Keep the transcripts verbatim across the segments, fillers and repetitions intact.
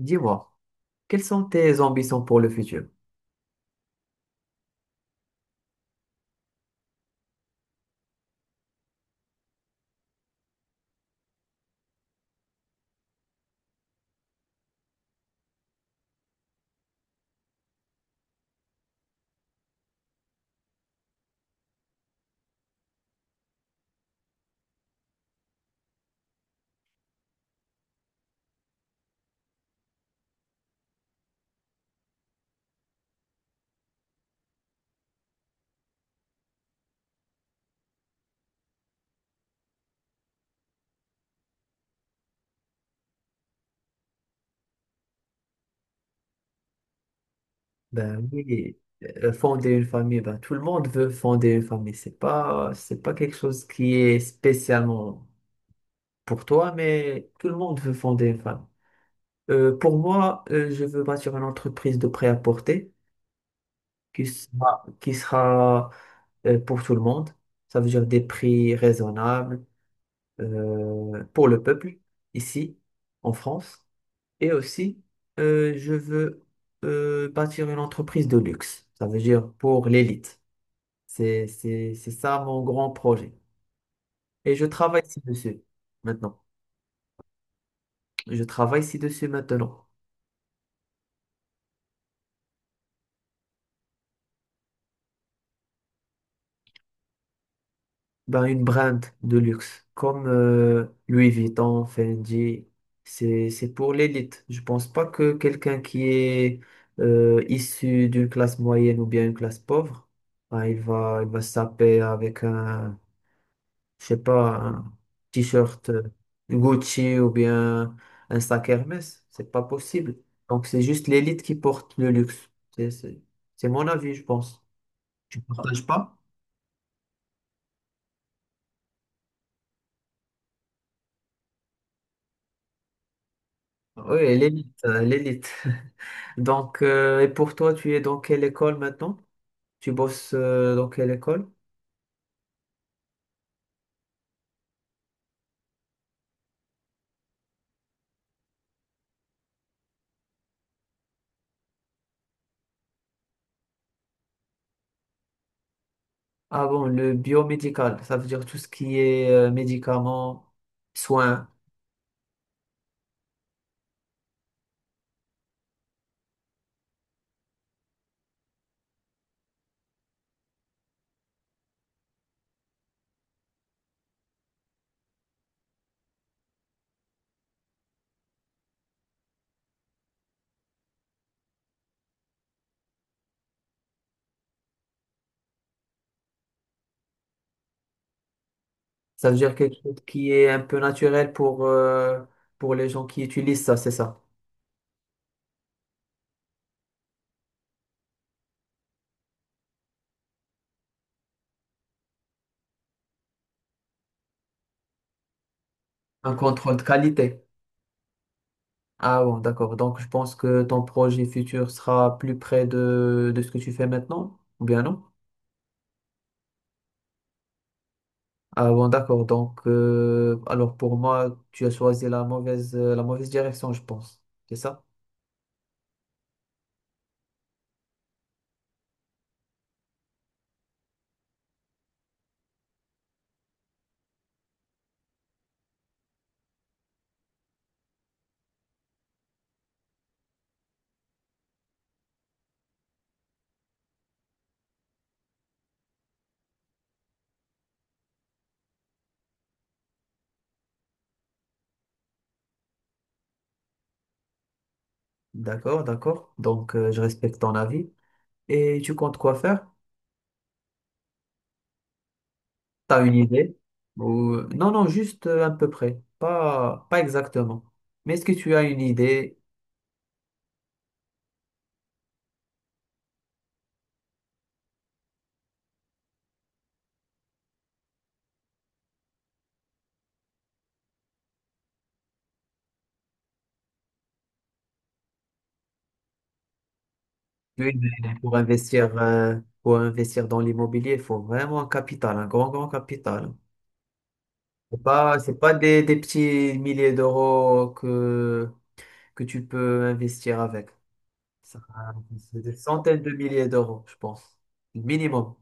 Dis-moi, quelles sont tes ambitions pour le futur? Ben oui, euh, fonder une famille, ben tout le monde veut fonder une famille. C'est pas, c'est pas quelque chose qui est spécialement pour toi, mais tout le monde veut fonder une famille. Euh, pour moi, euh, je veux bâtir une entreprise de prêt-à-porter qui sera, qui sera euh, pour tout le monde. Ça veut dire des prix raisonnables euh, pour le peuple ici en France. Et aussi, euh, je veux euh, bâtir une entreprise de luxe. Ça veut dire pour l'élite. C'est, c'est, c'est ça mon grand projet. Et je travaille ci-dessus maintenant. Je travaille ci-dessus maintenant. Ben, une brand de luxe comme euh, Louis Vuitton, Fendi, c'est, c'est pour l'élite. Je pense pas que quelqu'un qui est euh, issu d'une classe moyenne ou bien une classe pauvre, ben, il va, il va se taper avec un je sais pas, un t-shirt euh, Gucci ou bien un sac Hermès. C'est pas possible. Donc, c'est juste l'élite qui porte le luxe. C'est c'est- c'est mon avis, je pense. Tu ne partages pas? Oui, l'élite, euh, l'élite. Donc, euh, et pour toi, tu es dans quelle école maintenant? Tu bosses euh, dans quelle école? Ah bon, le biomédical, ça veut dire tout ce qui est euh, médicaments, soins. Ça veut dire quelque chose qui est un peu naturel pour, euh, pour les gens qui utilisent ça, c'est ça. Un contrôle de qualité. Ah bon, d'accord. Donc, je pense que ton projet futur sera plus près de, de ce que tu fais maintenant, ou bien non? Ah bon, d'accord. Donc, euh, alors pour moi, tu as choisi la mauvaise, euh, la mauvaise direction, je pense. C'est ça? D'accord, d'accord. Donc, euh, je respecte ton avis. Et tu comptes quoi faire? T'as une idée? Ou... Non, non, juste euh, à peu près. Pas, pas exactement. Mais est-ce que tu as une idée? Tu as une idée. Pour investir, euh, pour investir dans l'immobilier, il faut vraiment un capital, un grand, grand capital. C'est pas, c'est pas des, des petits milliers d'euros que, que tu peux investir avec. Ça, c'est des centaines de milliers d'euros, je pense. Minimum.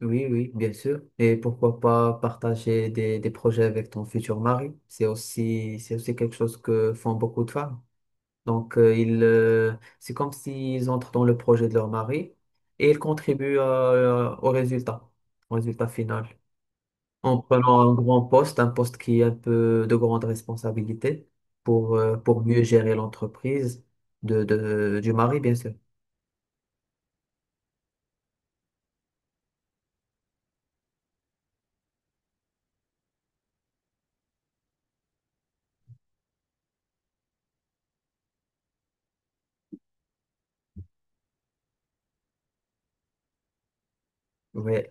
Oui, oui, bien sûr. Et pourquoi pas partager des, des projets avec ton futur mari? C'est aussi, c'est aussi quelque chose que font beaucoup de femmes. Donc, euh, ils, euh, c'est comme s'ils entrent dans le projet de leur mari et ils contribuent euh, au résultat, au résultat final. En prenant un grand poste, un poste qui est un peu de grande responsabilité pour, euh, pour mieux gérer l'entreprise de, de, du mari, bien sûr. Oui,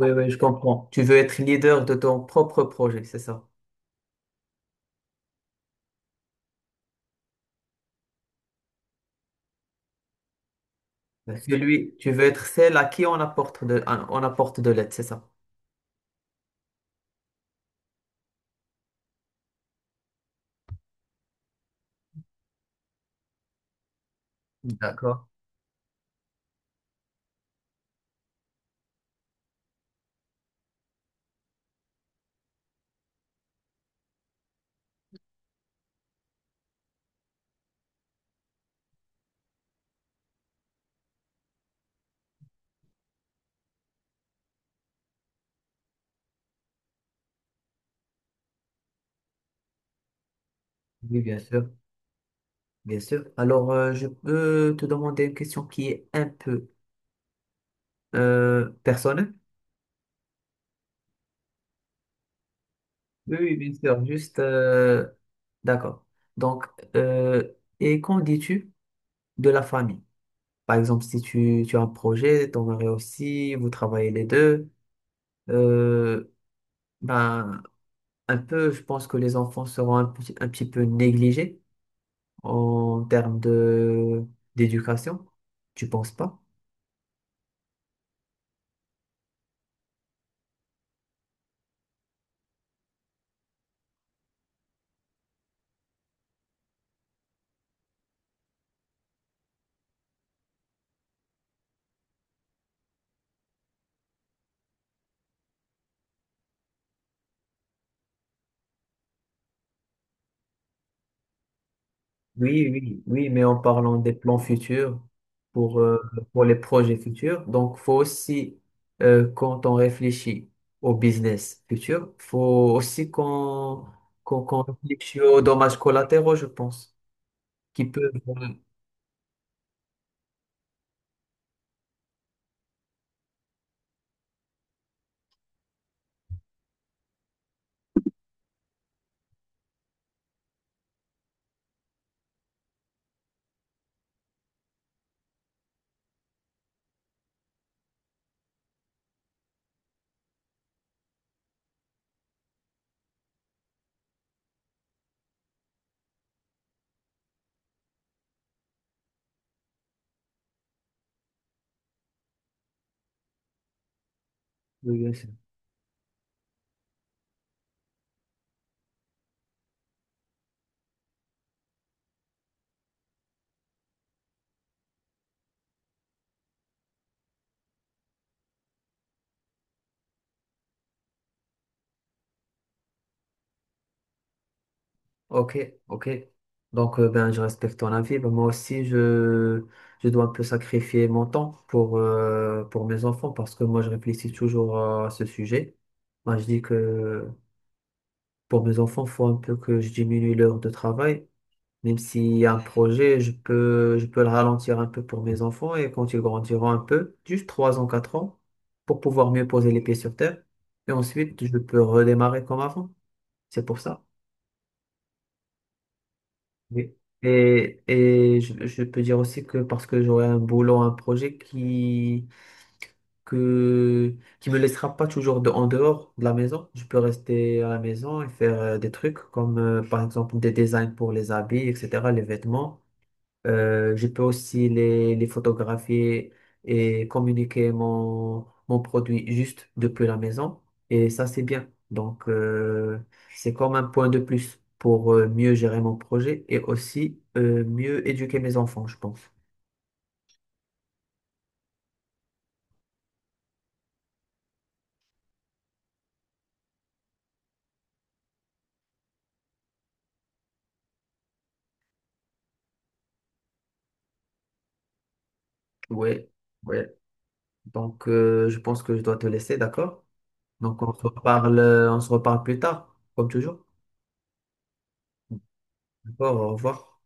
oui, oui, je comprends. Tu veux être leader de ton propre projet, c'est ça? Celui, tu veux être celle à qui on apporte de, on apporte de l'aide, c'est ça? D'accord. Oui, bien sûr, bien sûr. Alors, euh, je peux te demander une question qui est un peu euh, personnelle? Oui, oui, bien sûr, juste... euh, d'accord. Donc, euh, et qu'en dis-tu de la famille? Par exemple, si tu, tu as un projet, ton mari aussi, vous travaillez les deux, euh, ben, un peu, je pense que les enfants seront un, petit- un petit peu négligés. En termes de d'éducation? Tu penses pas? Oui, oui, oui, mais en parlant des plans futurs pour, euh, pour les projets futurs, donc faut aussi, euh, quand on réfléchit au business futur, faut aussi qu'on qu'on qu'on réfléchisse aux dommages collatéraux, je pense, qui peuvent... Oui, bien sûr. Ok, ok. Donc, euh, ben, je respecte ton avis. Ben, moi aussi, je, je dois un peu sacrifier mon temps pour, euh, pour mes enfants parce que moi, je réfléchis toujours à ce sujet. Moi, je dis que pour mes enfants, il faut un peu que je diminue l'heure de travail. Même s'il y a un projet, je peux, je peux le ralentir un peu pour mes enfants et quand ils grandiront un peu, juste trois ans, quatre ans, pour pouvoir mieux poser les pieds sur terre. Et ensuite, je peux redémarrer comme avant. C'est pour ça. Oui. Et, et je, je peux dire aussi que parce que j'aurai un boulot, un projet qui, que, qui me laissera pas toujours de, en dehors de la maison. Je peux rester à la maison et faire euh, des trucs comme euh, par exemple des designs pour les habits, et cetera, les vêtements. Euh, je peux aussi les, les photographier et communiquer mon, mon produit juste depuis la maison. Et ça, c'est bien. Donc, euh, c'est comme un point de plus pour euh, mieux gérer mon projet et aussi euh, mieux éduquer mes enfants, je pense. Ouais, ouais. Donc, euh, je pense que je dois te laisser, d'accord? Donc, on se reparle, euh, on se reparle plus tard, comme toujours. D'accord, au revoir.